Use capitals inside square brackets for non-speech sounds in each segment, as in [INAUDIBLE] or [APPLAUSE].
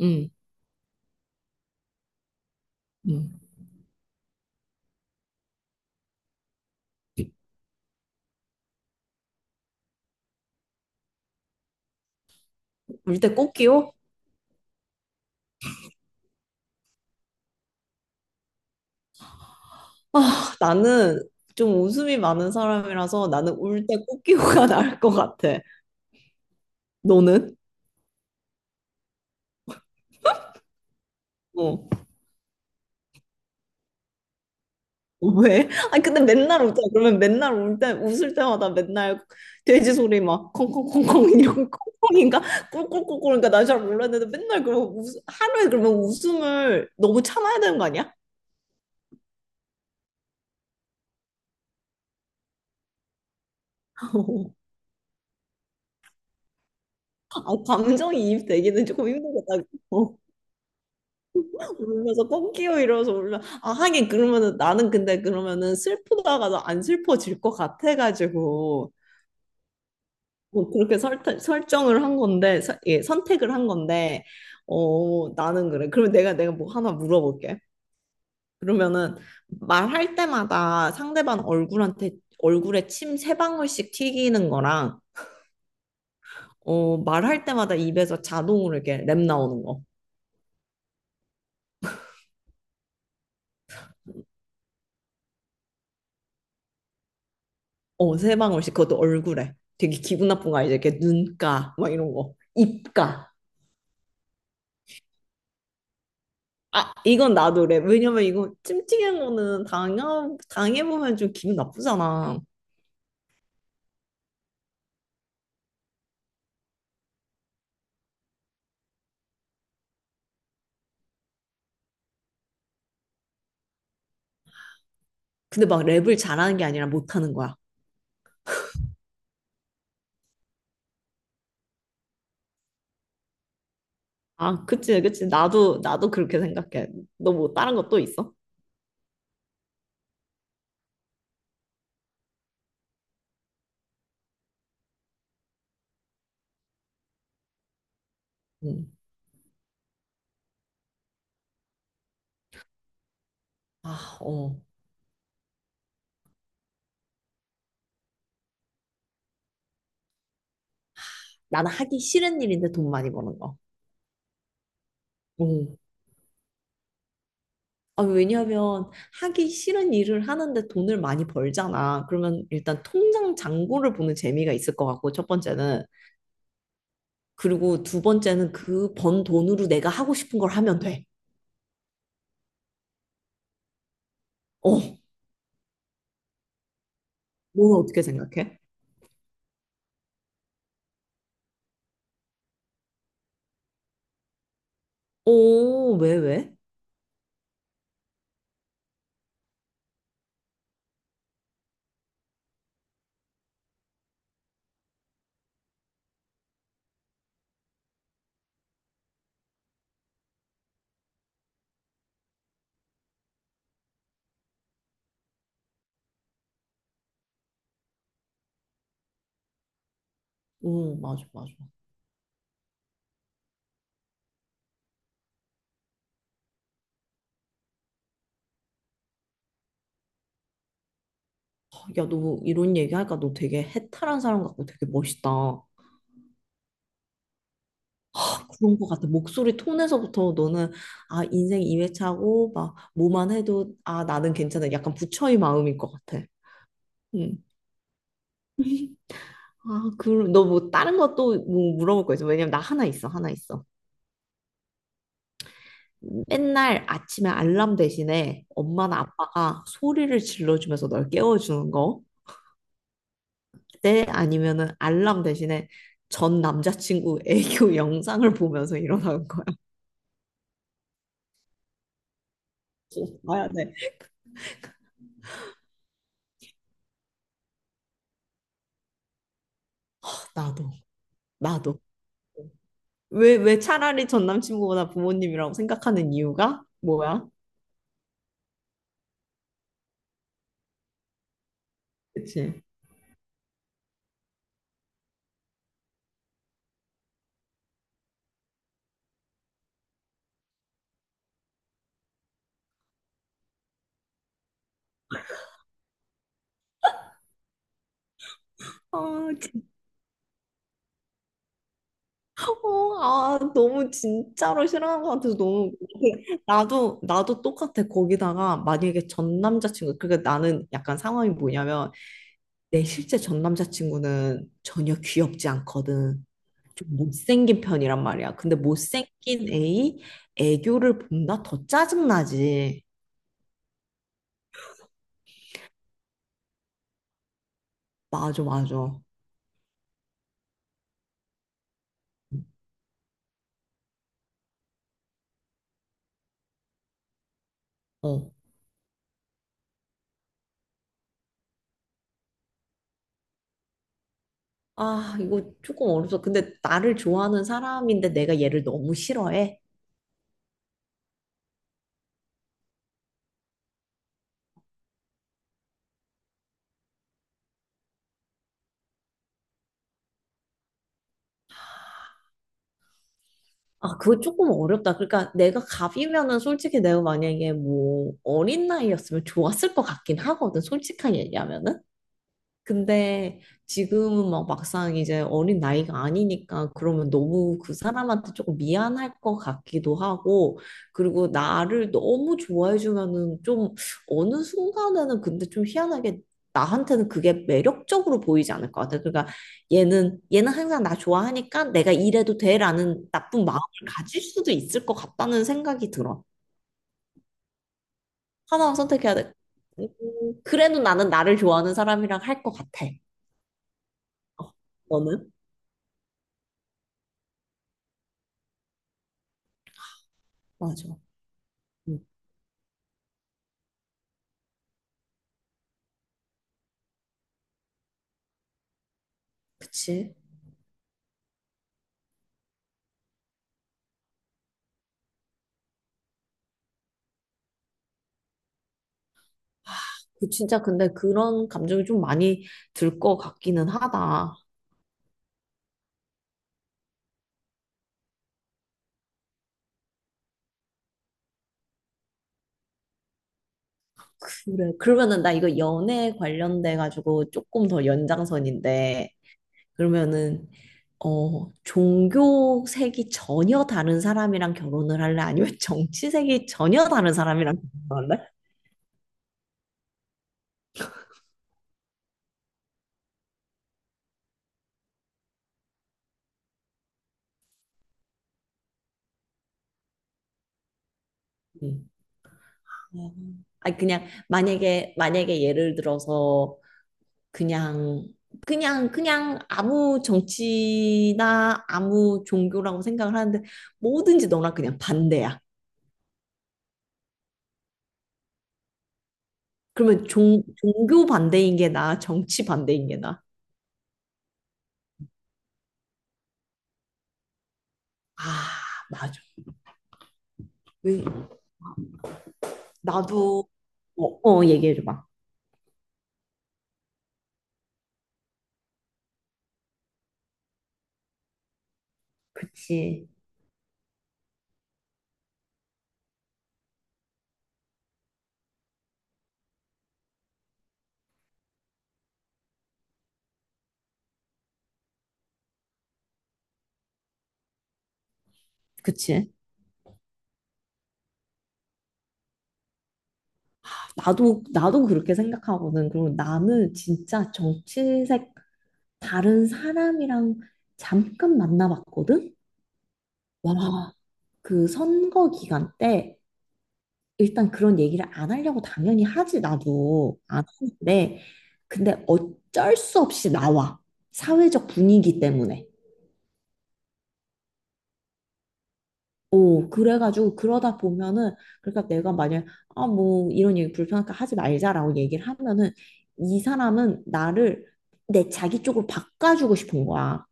음, 음. 울 때 꽃기호? 아, 나는 좀 웃음이 많은 사람이라서 나는 울 때 꽃기호가 [LAUGHS] 나을 것 같아. 너는? 어. 왜? 아니 근데 맨날 울잖아. 그러면 맨날 울 때, 웃을 때마다 맨날 돼지 소리 막 콩콩콩콩 [LAUGHS] 이런 콩콩인가? 꿀꿀꿀꿀인가? 나 잘 몰랐는데 맨날 그러면 하루에 그러면 웃음을 너무 참아야 되는 거 아니야? [LAUGHS] 아, 감정이입 되기는 조금 힘들겠다. 어. 울면서 꼭 끼워 이러면서 울면 아 하긴 그러면은 나는 근데 그러면은 슬프다가도 안 슬퍼질 것 같아가지고 뭐 그렇게 설정을 한 건데 선택을 한 건데 어 나는 그래 그럼 내가 뭐 하나 물어볼게. 그러면은 말할 때마다 상대방 얼굴한테 얼굴에 침 세 방울씩 튀기는 거랑 어 말할 때마다 입에서 자동으로 이렇게 랩 나오는 거. 어, 세 방울씩 그것도 얼굴에 되게 기분 나쁜 거 알죠? 이렇게 눈가 막 이런 거 입가. 아 이건 나도 그래. 왜냐면 이거 찜찜한 거는 당해보면 좀 기분 나쁘잖아. 근데 막 랩을 잘하는 게 아니라 못하는 거야. 아 그치 그치 나도 나도 그렇게 생각해. 너 뭐 다른 것또 있어? 응. 아, 어. 나는 하기 싫은 일인데 돈 많이 버는 거. 아, 왜냐하면 하기 싫은 일을 하는데 돈을 많이 벌잖아. 그러면 일단 통장 잔고를 보는 재미가 있을 것 같고, 첫 번째는. 그리고 두 번째는 그 번 돈으로 내가 하고 싶은 걸 하면 돼. 어, 너 어떻게 생각해? 어, 왜, 왜? 어, 맞아, 맞아. 아, 야, 너 이런 얘기하니까 너 되게 해탈한 사람 같고 되게 멋있다. 아, 그런 것 같아. 목소리 톤에서부터 너는, 아, 인생 2회차고, 막, 뭐만 해도, 아, 나는 괜찮아. 약간 부처의 마음일 것 같아. 응. 아, 그럼 너 뭐 다른 것도 뭐 물어볼 거 있어? 왜냐면 나 하나 있어, 하나 있어. 맨날 아침에 알람 대신에 엄마나 아빠가 소리를 질러주면서 널 깨워주는 거? 때 아니면은 알람 대신에 전 남자친구 애교 [LAUGHS] 영상을 보면서 일어나는 거야. 봐야 돼. 하, 나도, 나도. 왜, 왜 차라리 전 남친구보다 부모님이라고 생각하는 이유가 뭐야? 그치? 어, 어, 아, 너무 진짜로 싫어하는 것 같아서 너무 [LAUGHS] 나도 나도 똑같아. 거기다가 만약에 전 남자친구 그러니까 나는 약간 상황이 뭐냐면 내 실제 전 남자친구는 전혀 귀엽지 않거든. 좀 못생긴 편이란 말이야. 근데 못생긴 애이 애교를 본다? 더 짜증나지. 맞아, 맞아. 어. 아, 이거 조금 어렵다. 근데 나를 좋아하는 사람인데 내가 얘를 너무 싫어해. 아, 그거 조금 어렵다. 그러니까 내가 갑이면은 솔직히 내가 만약에 뭐 어린 나이였으면 좋았을 것 같긴 하거든. 솔직하게 얘기하면은. 근데 지금은 막 막상 이제 어린 나이가 아니니까 그러면 너무 그 사람한테 조금 미안할 것 같기도 하고 그리고 나를 너무 좋아해 주면은 좀 어느 순간에는 근데 좀 희한하게 나한테는 그게 매력적으로 보이지 않을 것 같아. 그러니까 얘는 항상 나 좋아하니까 내가 이래도 돼라는 나쁜 마음을 가질 수도 있을 것 같다는 생각이 들어. 하나만 선택해야 돼. 음, 그래도 나는 나를 좋아하는 사람이랑 할 것 같아. 너는? 맞아. 음, 그치. 그 진짜 근데 그런 감정이 좀 많이 들 것 같기는 하다. 그래. 그러면은 나 이거 연애 관련돼 가지고 조금 더 연장선인데 그러면은 어 종교색이 전혀 다른 사람이랑 결혼을 할래? 아니면 [LAUGHS] 정치색이 전혀 다른 사람이랑 결혼할래? 음. 아니 그냥 만약에 예를 들어서 그냥 그냥 아무 정치나 아무 종교라고 생각을 하는데 뭐든지 너랑 그냥 반대야. 그러면 종교 반대인 게 나아, 정치 반대인 게 나아. 아, 맞아. 왜 나도 어, 어 얘기해 줘봐. 그치. 그치. 나도 나도 그렇게 생각하거든. 그리고 나는 진짜 정치색 다른 사람이랑 잠깐 만나봤거든. 와, 그 선거 기간 때 일단 그런 얘기를 안 하려고 당연히 하지, 나도. 안 하는데. 근데 어쩔 수 없이 나와. 사회적 분위기 때문에. 오, 그래가지고 그러다 보면은, 그러니까 내가 만약, 아, 뭐, 이런 얘기 불편하니까 하지 말자라고 얘기를 하면은, 이 사람은 나를 내 자기 쪽으로 바꿔주고 싶은 거야.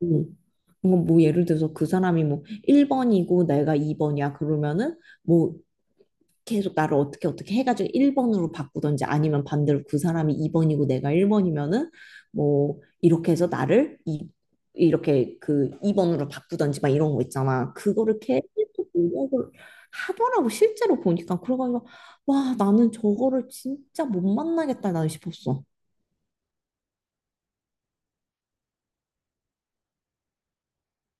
뭐, 뭔가 뭐 예를 들어서 그 사람이 뭐 1번이고 내가 2번이야 그러면은 뭐 계속 나를 어떻게 어떻게 해가지고 1번으로 바꾸던지 아니면 반대로 그 사람이 2번이고 내가 1번이면은 뭐 이렇게 해서 나를 이렇게 그 2번으로 바꾸던지 막 이런 거 있잖아. 그거를 계속 노력을 하더라고. 실제로 보니까 그래가지고 와 나는 저거를 진짜 못 만나겠다 나는 싶었어.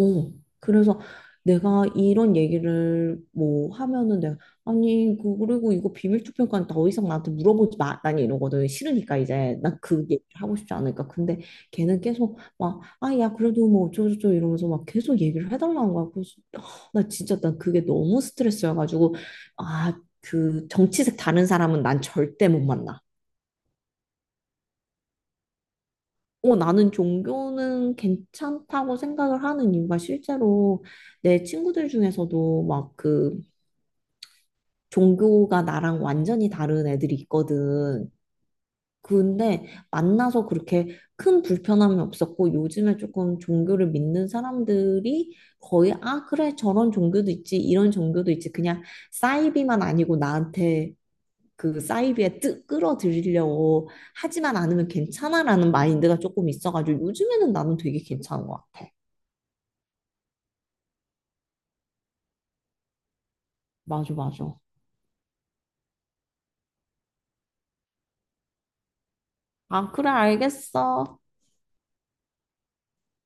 어, 그래서 내가 이런 얘기를 뭐 하면은 내가 아니 그 그리고 이거 비밀 투표니까 더 이상 나한테 물어보지 마. 난 이러거든. 싫으니까 이제 난 그 얘기를 하고 싶지 않으니까. 근데 걔는 계속 막 아 야 그래도 뭐 어쩌고저쩌고 이러면서 막 계속 얘기를 해달라는 거야. 그래서 아, 나 진짜 난 그게 너무 스트레스여가지고 아 그 정치색 다른 사람은 난 절대 못 만나. 어, 나는 종교는 괜찮다고 생각을 하는 이유가 실제로 내 친구들 중에서도 막 그 종교가 나랑 완전히 다른 애들이 있거든. 근데 만나서 그렇게 큰 불편함이 없었고 요즘에 조금 종교를 믿는 사람들이 거의 아, 그래, 저런 종교도 있지, 이런 종교도 있지. 그냥 사이비만 아니고 나한테 그 사이비에 끌어들이려고 하지만 않으면 괜찮아라는 마인드가 조금 있어가지고 요즘에는 나는 되게 괜찮은 것 같아. 맞아, 맞아. 아, 그래, 알겠어.